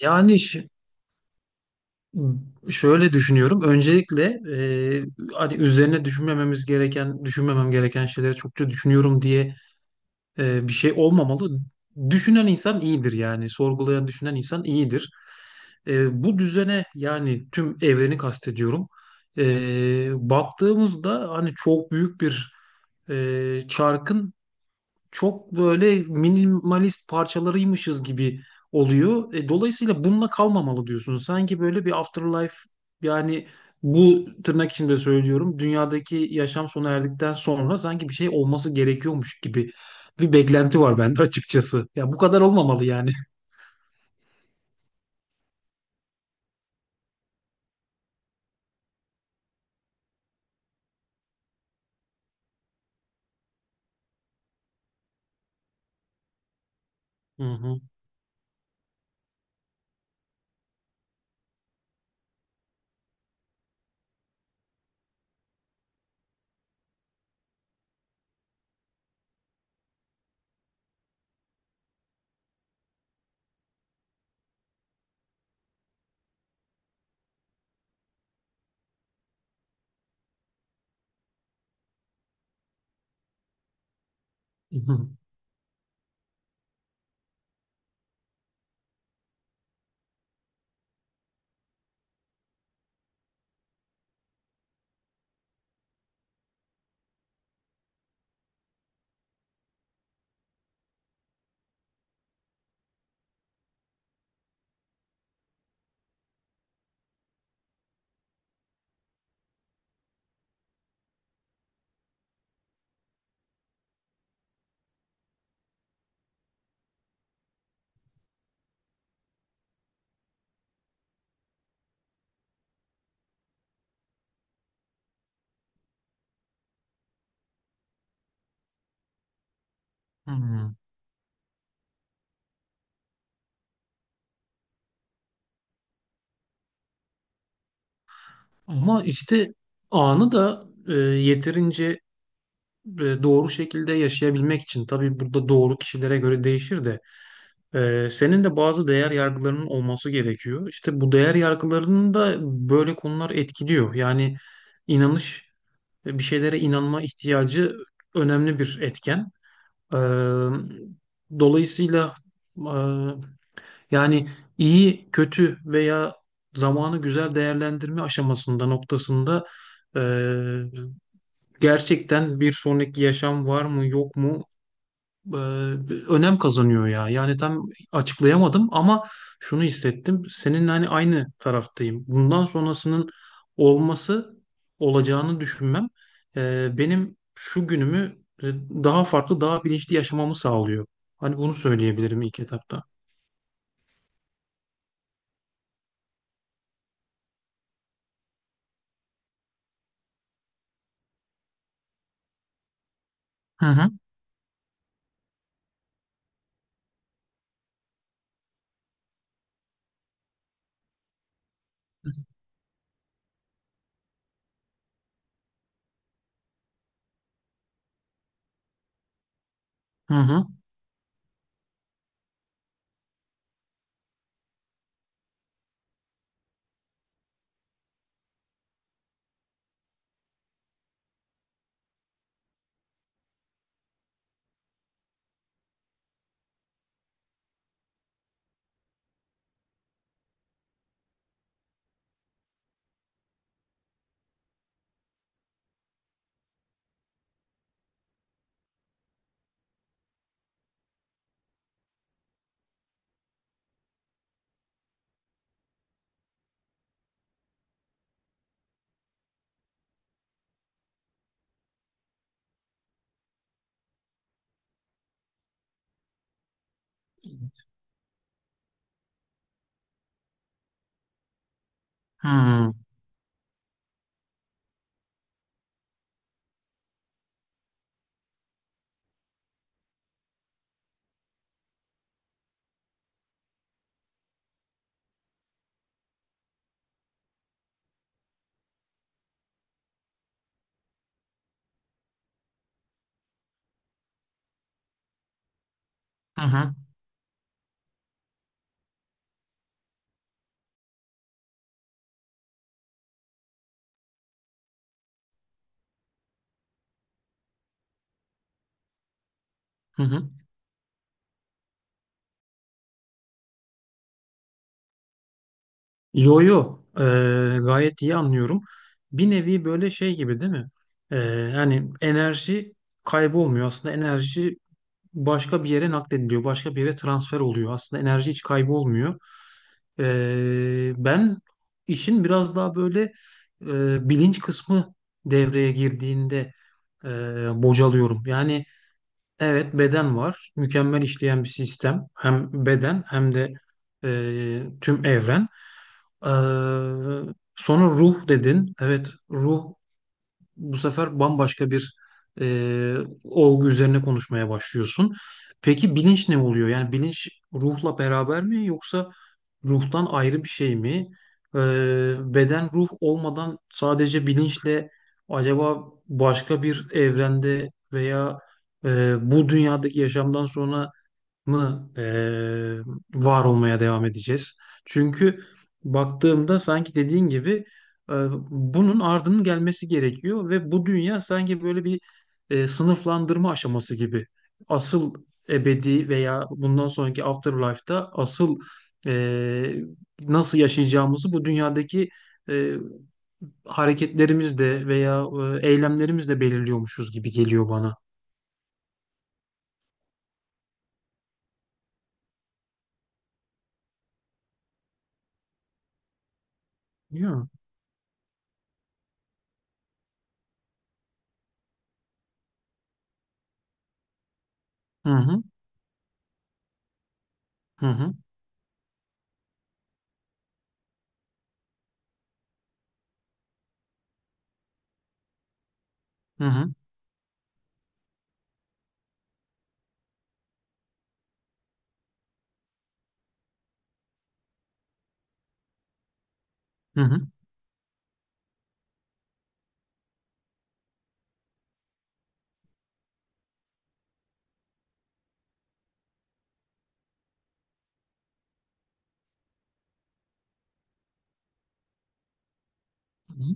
Yani şöyle düşünüyorum. Öncelikle e, hani üzerine düşünmememiz gereken, düşünmemem gereken şeyleri çokça düşünüyorum diye bir şey olmamalı. Düşünen insan iyidir yani. Sorgulayan, düşünen insan iyidir. Bu düzene yani tüm evreni kastediyorum. Baktığımızda hani çok büyük bir çarkın çok böyle minimalist parçalarıymışız gibi oluyor. Dolayısıyla bununla kalmamalı diyorsun. Sanki böyle bir afterlife, yani bu tırnak içinde söylüyorum. Dünyadaki yaşam sona erdikten sonra sanki bir şey olması gerekiyormuş gibi bir beklenti var bende açıkçası. Ya bu kadar olmamalı yani. Hı hı. Hı hı. Hı. Ama işte anı da yeterince doğru şekilde yaşayabilmek için tabii burada doğru kişilere göre değişir de Senin de bazı değer yargılarının olması gerekiyor. İşte bu değer yargılarını da böyle konular etkiliyor. Yani inanış, bir şeylere inanma ihtiyacı önemli bir etken. Ee, dolayısıyla e, yani iyi, kötü veya zamanı güzel değerlendirme aşamasında, noktasında e, gerçekten bir sonraki yaşam var mı, yok mu? e, önem kazanıyor ya. Yani tam açıklayamadım ama şunu hissettim. Seninle hani aynı taraftayım. Bundan sonrasının olması, olacağını düşünmem benim şu günümü daha farklı, daha bilinçli yaşamamı sağlıyor. Hani bunu söyleyebilirim ilk etapta. Hı hı. Hı hı. Hı hı. Hı hı. Hı hı. Yo yo. Gayet iyi anlıyorum. Bir nevi böyle şey gibi değil mi? Ee, yani enerji kaybolmuyor. Aslında enerji başka bir yere naklediliyor. Başka bir yere transfer oluyor. Aslında enerji hiç kaybolmuyor. Ben işin biraz daha böyle bilinç kısmı devreye girdiğinde e, bocalıyorum. Yani, evet, beden var. Mükemmel işleyen bir sistem. Hem beden hem de tüm evren. Ee, sonra ruh dedin. Evet, ruh bu sefer bambaşka bir e, olgu üzerine konuşmaya başlıyorsun. Peki bilinç ne oluyor? Yani bilinç ruhla beraber mi yoksa ruhtan ayrı bir şey mi? E, beden ruh olmadan sadece bilinçle acaba başka bir evrende veya bu dünyadaki yaşamdan sonra mı var olmaya devam edeceğiz? Çünkü baktığımda sanki dediğin gibi bunun ardının gelmesi gerekiyor ve bu dünya sanki böyle bir sınıflandırma aşaması gibi. Asıl ebedi veya bundan sonraki afterlife'da asıl eee, nasıl yaşayacağımızı bu dünyadaki eee hareketlerimizle veya eylemlerimizle belirliyormuşuz gibi geliyor bana. Değil mi? Hı hı, hı hı, hı hı, hı hı. Hı hı.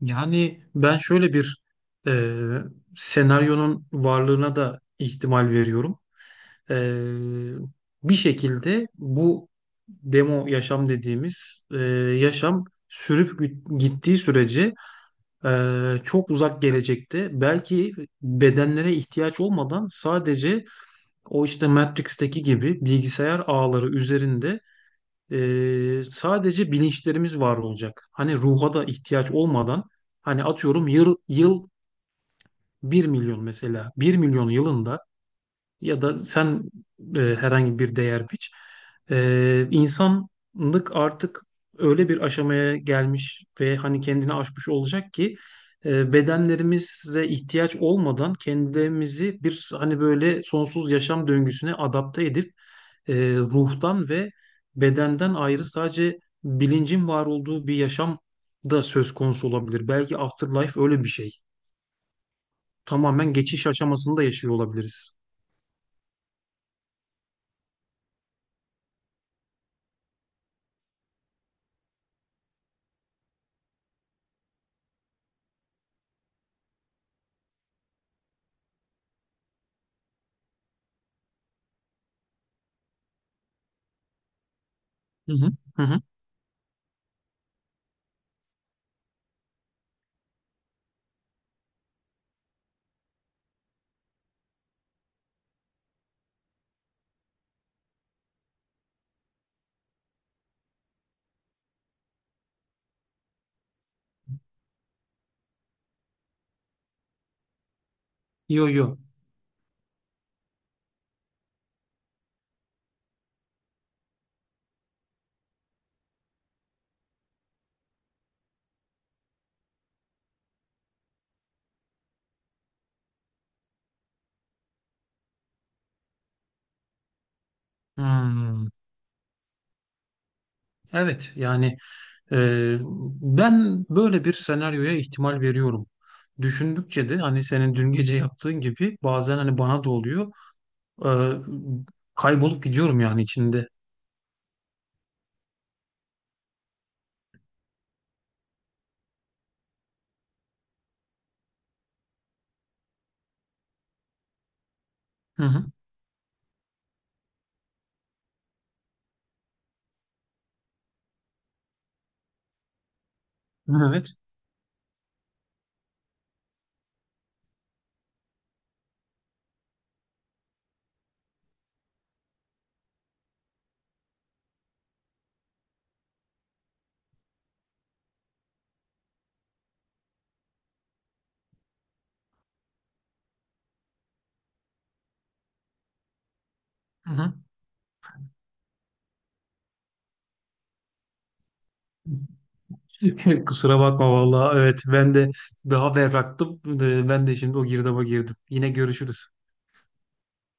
Yani ben şöyle bir e, senaryonun varlığına da ihtimal veriyorum. E, bir şekilde bu demo yaşam dediğimiz yaşam sürüp gittiği sürece çok uzak gelecekte belki bedenlere ihtiyaç olmadan sadece o işte Matrix'teki gibi bilgisayar ağları üzerinde sadece bilinçlerimiz var olacak. Hani ruha da ihtiyaç olmadan hani atıyorum yıl 1 milyon, mesela 1 milyon yılında ya da sen herhangi bir değer biç. İnsanlık artık öyle bir aşamaya gelmiş ve hani kendini aşmış olacak ki bedenlerimize ihtiyaç olmadan kendimizi bir hani böyle sonsuz yaşam döngüsüne adapte edip ruhtan ve bedenden ayrı sadece bilincin var olduğu bir yaşam da söz konusu olabilir. Belki afterlife öyle bir şey. Tamamen geçiş aşamasında yaşıyor olabiliriz. Hı hı. Hı hı. Yo yo. Hmm. Evet yani e, ben böyle bir senaryoya ihtimal veriyorum. Düşündükçe de hani senin dün gece yaptığın gibi bazen hani bana da oluyor. E, kaybolup gidiyorum yani içinde. Hı hı. Evet. Hı hı. Kusura bakma vallahi. Evet ben de daha berraktım. Ben de şimdi o girdaba girdim. Yine görüşürüz.